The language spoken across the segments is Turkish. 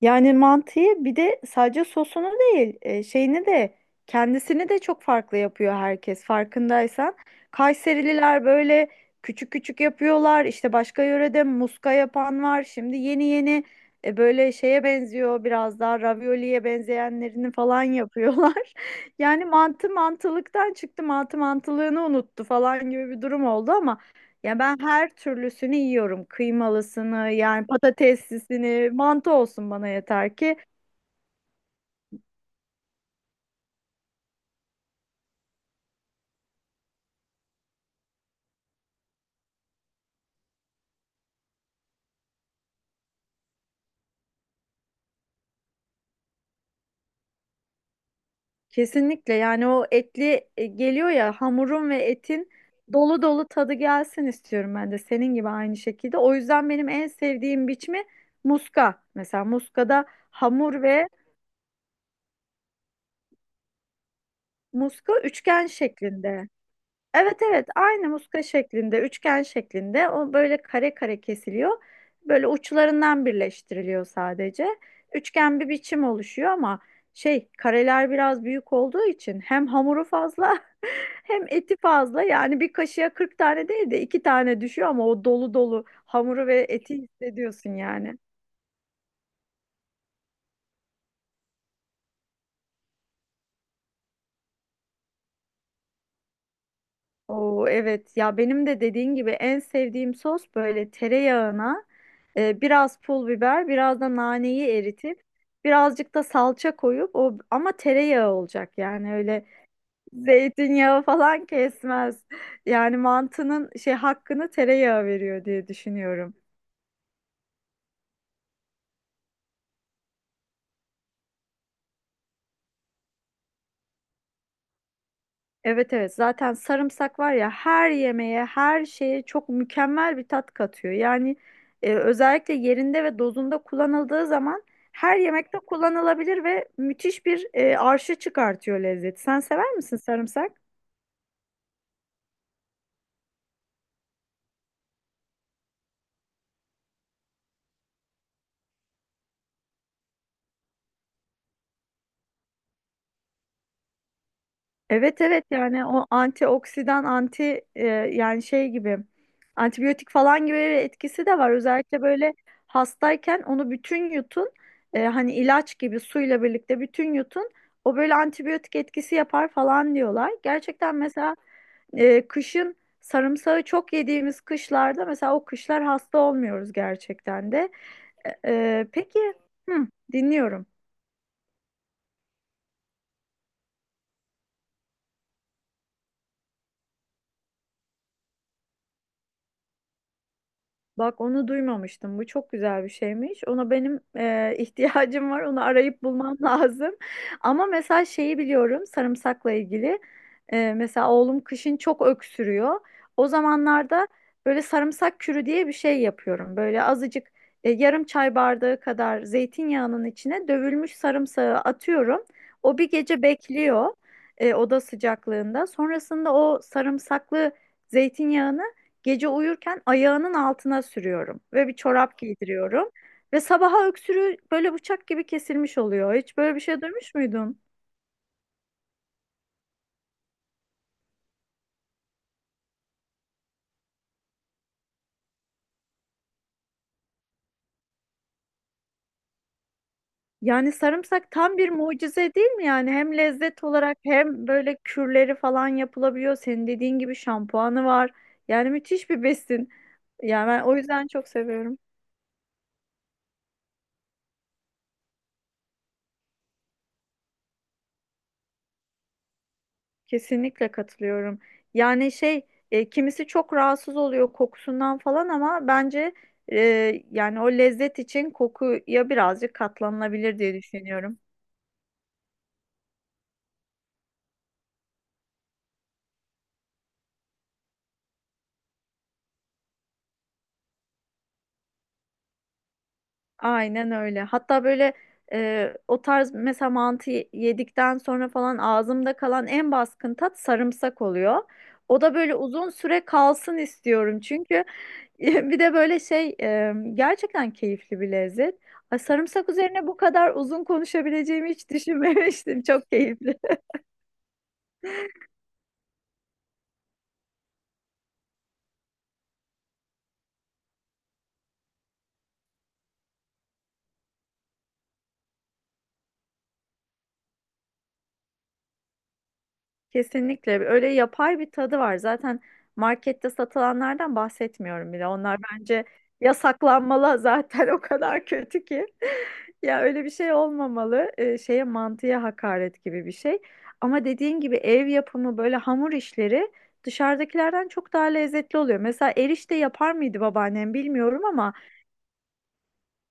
Yani mantıyı bir de sadece sosunu değil, şeyini de kendisini de çok farklı yapıyor herkes farkındaysan. Kayserililer böyle küçük küçük yapıyorlar. İşte başka yörede muska yapan var. Şimdi yeni yeni böyle şeye benziyor biraz daha ravioliye benzeyenlerini falan yapıyorlar. Yani mantı mantılıktan çıktı, mantı mantılığını unuttu falan gibi bir durum oldu ama ya ben her türlüsünü yiyorum. Kıymalısını, yani patateslisini, mantı olsun bana yeter ki. Kesinlikle yani o etli geliyor ya hamurun ve etin dolu dolu tadı gelsin istiyorum ben de senin gibi aynı şekilde. O yüzden benim en sevdiğim biçimi muska. Mesela muskada hamur ve muska üçgen şeklinde. Evet evet aynı muska şeklinde, üçgen şeklinde o böyle kare kare kesiliyor. Böyle uçlarından birleştiriliyor sadece. Üçgen bir biçim oluşuyor ama şey kareler biraz büyük olduğu için hem hamuru fazla hem eti fazla. Yani bir kaşığa 40 tane değil de 2 tane düşüyor ama o dolu dolu hamuru ve eti hissediyorsun yani. Oo, evet ya benim de dediğin gibi en sevdiğim sos böyle tereyağına biraz pul biber biraz da naneyi eritip birazcık da salça koyup o ama tereyağı olacak yani öyle zeytinyağı falan kesmez. Yani mantının şey hakkını tereyağı veriyor diye düşünüyorum. Evet evet zaten sarımsak var ya her yemeğe her şeye çok mükemmel bir tat katıyor. Yani özellikle yerinde ve dozunda kullanıldığı zaman her yemekte kullanılabilir ve müthiş bir arşı çıkartıyor lezzeti. Sen sever misin sarımsak? Evet evet yani o antioksidan anti yani şey gibi antibiyotik falan gibi bir etkisi de var. Özellikle böyle hastayken onu bütün yutun hani ilaç gibi suyla birlikte bütün yutun o böyle antibiyotik etkisi yapar falan diyorlar. Gerçekten mesela kışın sarımsağı çok yediğimiz kışlarda mesela o kışlar hasta olmuyoruz gerçekten de. Peki hı, dinliyorum. Bak onu duymamıştım. Bu çok güzel bir şeymiş. Ona benim ihtiyacım var. Onu arayıp bulmam lazım. Ama mesela şeyi biliyorum sarımsakla ilgili. E, mesela oğlum kışın çok öksürüyor. O zamanlarda böyle sarımsak kürü diye bir şey yapıyorum. Böyle azıcık yarım çay bardağı kadar zeytinyağının içine dövülmüş sarımsağı atıyorum. O bir gece bekliyor oda sıcaklığında. Sonrasında o sarımsaklı zeytinyağını gece uyurken ayağının altına sürüyorum ve bir çorap giydiriyorum. Ve sabaha öksürüğü böyle bıçak gibi kesilmiş oluyor. Hiç böyle bir şey duymuş muydun? Yani sarımsak tam bir mucize değil mi yani? Hem lezzet olarak hem böyle kürleri falan yapılabiliyor. Senin dediğin gibi şampuanı var. Yani müthiş bir besin. Yani ben o yüzden çok seviyorum. Kesinlikle katılıyorum. Yani şey kimisi çok rahatsız oluyor kokusundan falan ama bence yani o lezzet için kokuya birazcık katlanılabilir diye düşünüyorum. Aynen öyle. Hatta böyle o tarz mesela mantı yedikten sonra falan ağzımda kalan en baskın tat sarımsak oluyor. O da böyle uzun süre kalsın istiyorum çünkü bir de böyle şey gerçekten keyifli bir lezzet. Ay, sarımsak üzerine bu kadar uzun konuşabileceğimi hiç düşünmemiştim. Çok keyifli. Kesinlikle öyle yapay bir tadı var. Zaten markette satılanlardan bahsetmiyorum bile. Onlar bence yasaklanmalı zaten o kadar kötü ki. Ya öyle bir şey olmamalı. Şeye mantıya hakaret gibi bir şey. Ama dediğin gibi ev yapımı böyle hamur işleri dışarıdakilerden çok daha lezzetli oluyor. Mesela erişte yapar mıydı babaannem bilmiyorum ama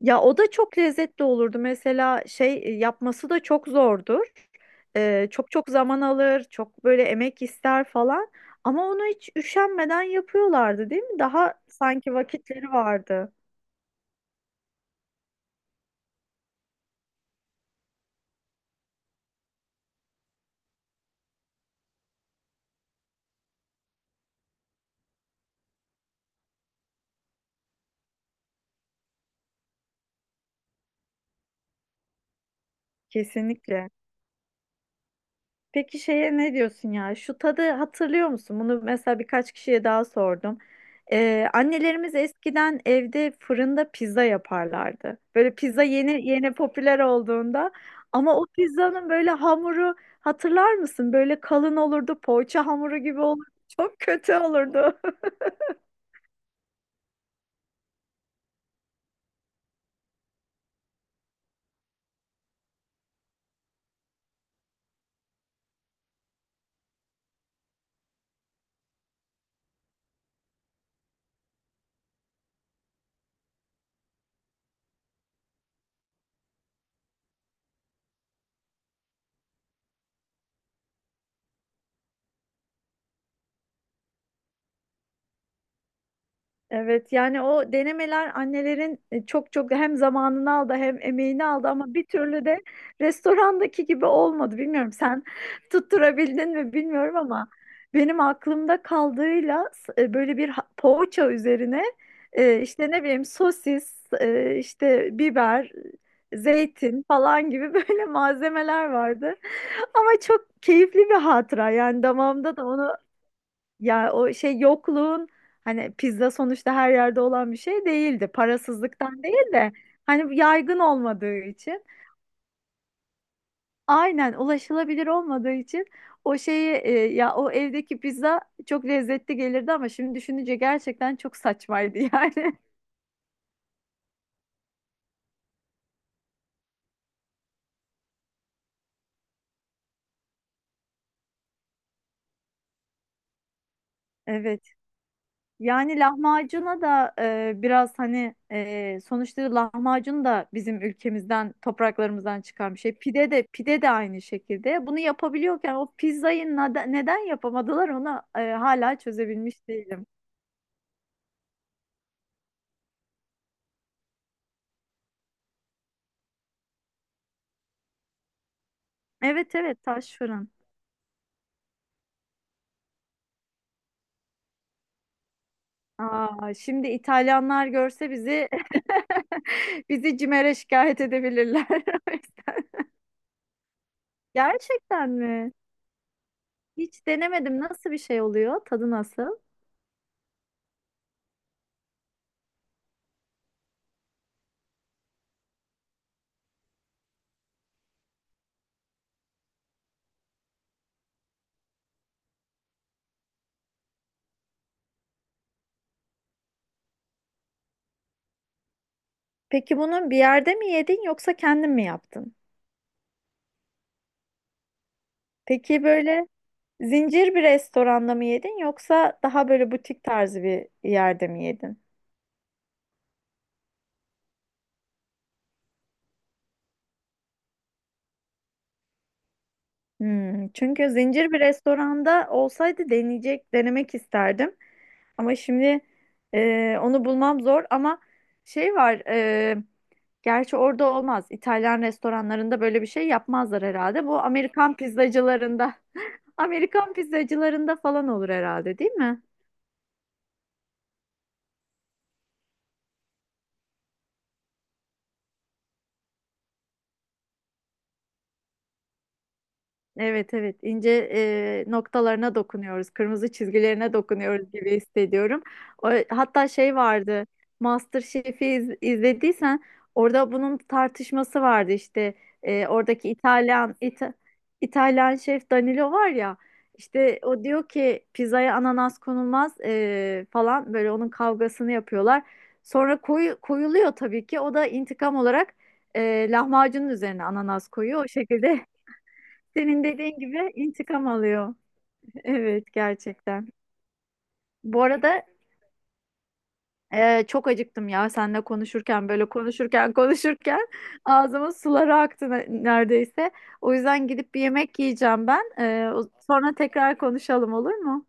ya o da çok lezzetli olurdu. Mesela şey yapması da çok zordu. Çok çok zaman alır, çok böyle emek ister falan. Ama onu hiç üşenmeden yapıyorlardı, değil mi? Daha sanki vakitleri vardı. Kesinlikle. Peki şeye ne diyorsun ya? Şu tadı hatırlıyor musun? Bunu mesela birkaç kişiye daha sordum. Annelerimiz eskiden evde fırında pizza yaparlardı. Böyle pizza yeni yeni popüler olduğunda. Ama o pizzanın böyle hamuru hatırlar mısın? Böyle kalın olurdu, poğaça hamuru gibi olurdu. Çok kötü olurdu. Evet yani o denemeler annelerin çok çok hem zamanını aldı hem emeğini aldı ama bir türlü de restorandaki gibi olmadı. Bilmiyorum sen tutturabildin mi bilmiyorum ama benim aklımda kaldığıyla böyle bir poğaça üzerine işte ne bileyim sosis, işte biber, zeytin falan gibi böyle malzemeler vardı. Ama çok keyifli bir hatıra yani damağımda da onu ya o şey yokluğun hani pizza sonuçta her yerde olan bir şey değildi. Parasızlıktan değil de hani yaygın olmadığı için aynen ulaşılabilir olmadığı için o şeyi ya o evdeki pizza çok lezzetli gelirdi ama şimdi düşününce gerçekten çok saçmaydı yani. Evet. Yani lahmacuna da biraz hani sonuçta lahmacun da bizim ülkemizden, topraklarımızdan çıkan bir şey. Pide de pide de aynı şekilde. Bunu yapabiliyorken o pizzayı neden yapamadılar onu hala çözebilmiş değilim. Evet evet taş fırın. Aa, şimdi İtalyanlar görse bizi bizi CİMER'e şikayet edebilirler. Gerçekten mi? Hiç denemedim. Nasıl bir şey oluyor? Tadı nasıl? Peki bunu bir yerde mi yedin yoksa kendin mi yaptın? Peki böyle zincir bir restoranda mı yedin yoksa daha böyle butik tarzı bir yerde mi yedin? Hmm, çünkü zincir bir restoranda olsaydı deneyecek, denemek isterdim. Ama şimdi onu bulmam zor ama şey var gerçi orada olmaz. İtalyan restoranlarında böyle bir şey yapmazlar herhalde. Bu Amerikan pizzacılarında Amerikan pizzacılarında falan olur herhalde değil mi? Evet evet ince noktalarına dokunuyoruz, kırmızı çizgilerine dokunuyoruz gibi hissediyorum. O, hatta şey vardı, izlediysen orada bunun tartışması vardı işte oradaki İtalyan şef Danilo var ya işte o diyor ki pizzaya ananas konulmaz falan böyle onun kavgasını yapıyorlar. Sonra koyuluyor tabii ki o da intikam olarak lahmacunun üzerine ananas koyuyor o şekilde. Senin dediğin gibi intikam alıyor. Evet gerçekten. Bu arada çok acıktım ya seninle konuşurken böyle konuşurken ağzımın suları aktı neredeyse. O yüzden gidip bir yemek yiyeceğim ben. Sonra tekrar konuşalım olur mu?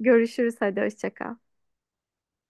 Görüşürüz hadi hoşça kal.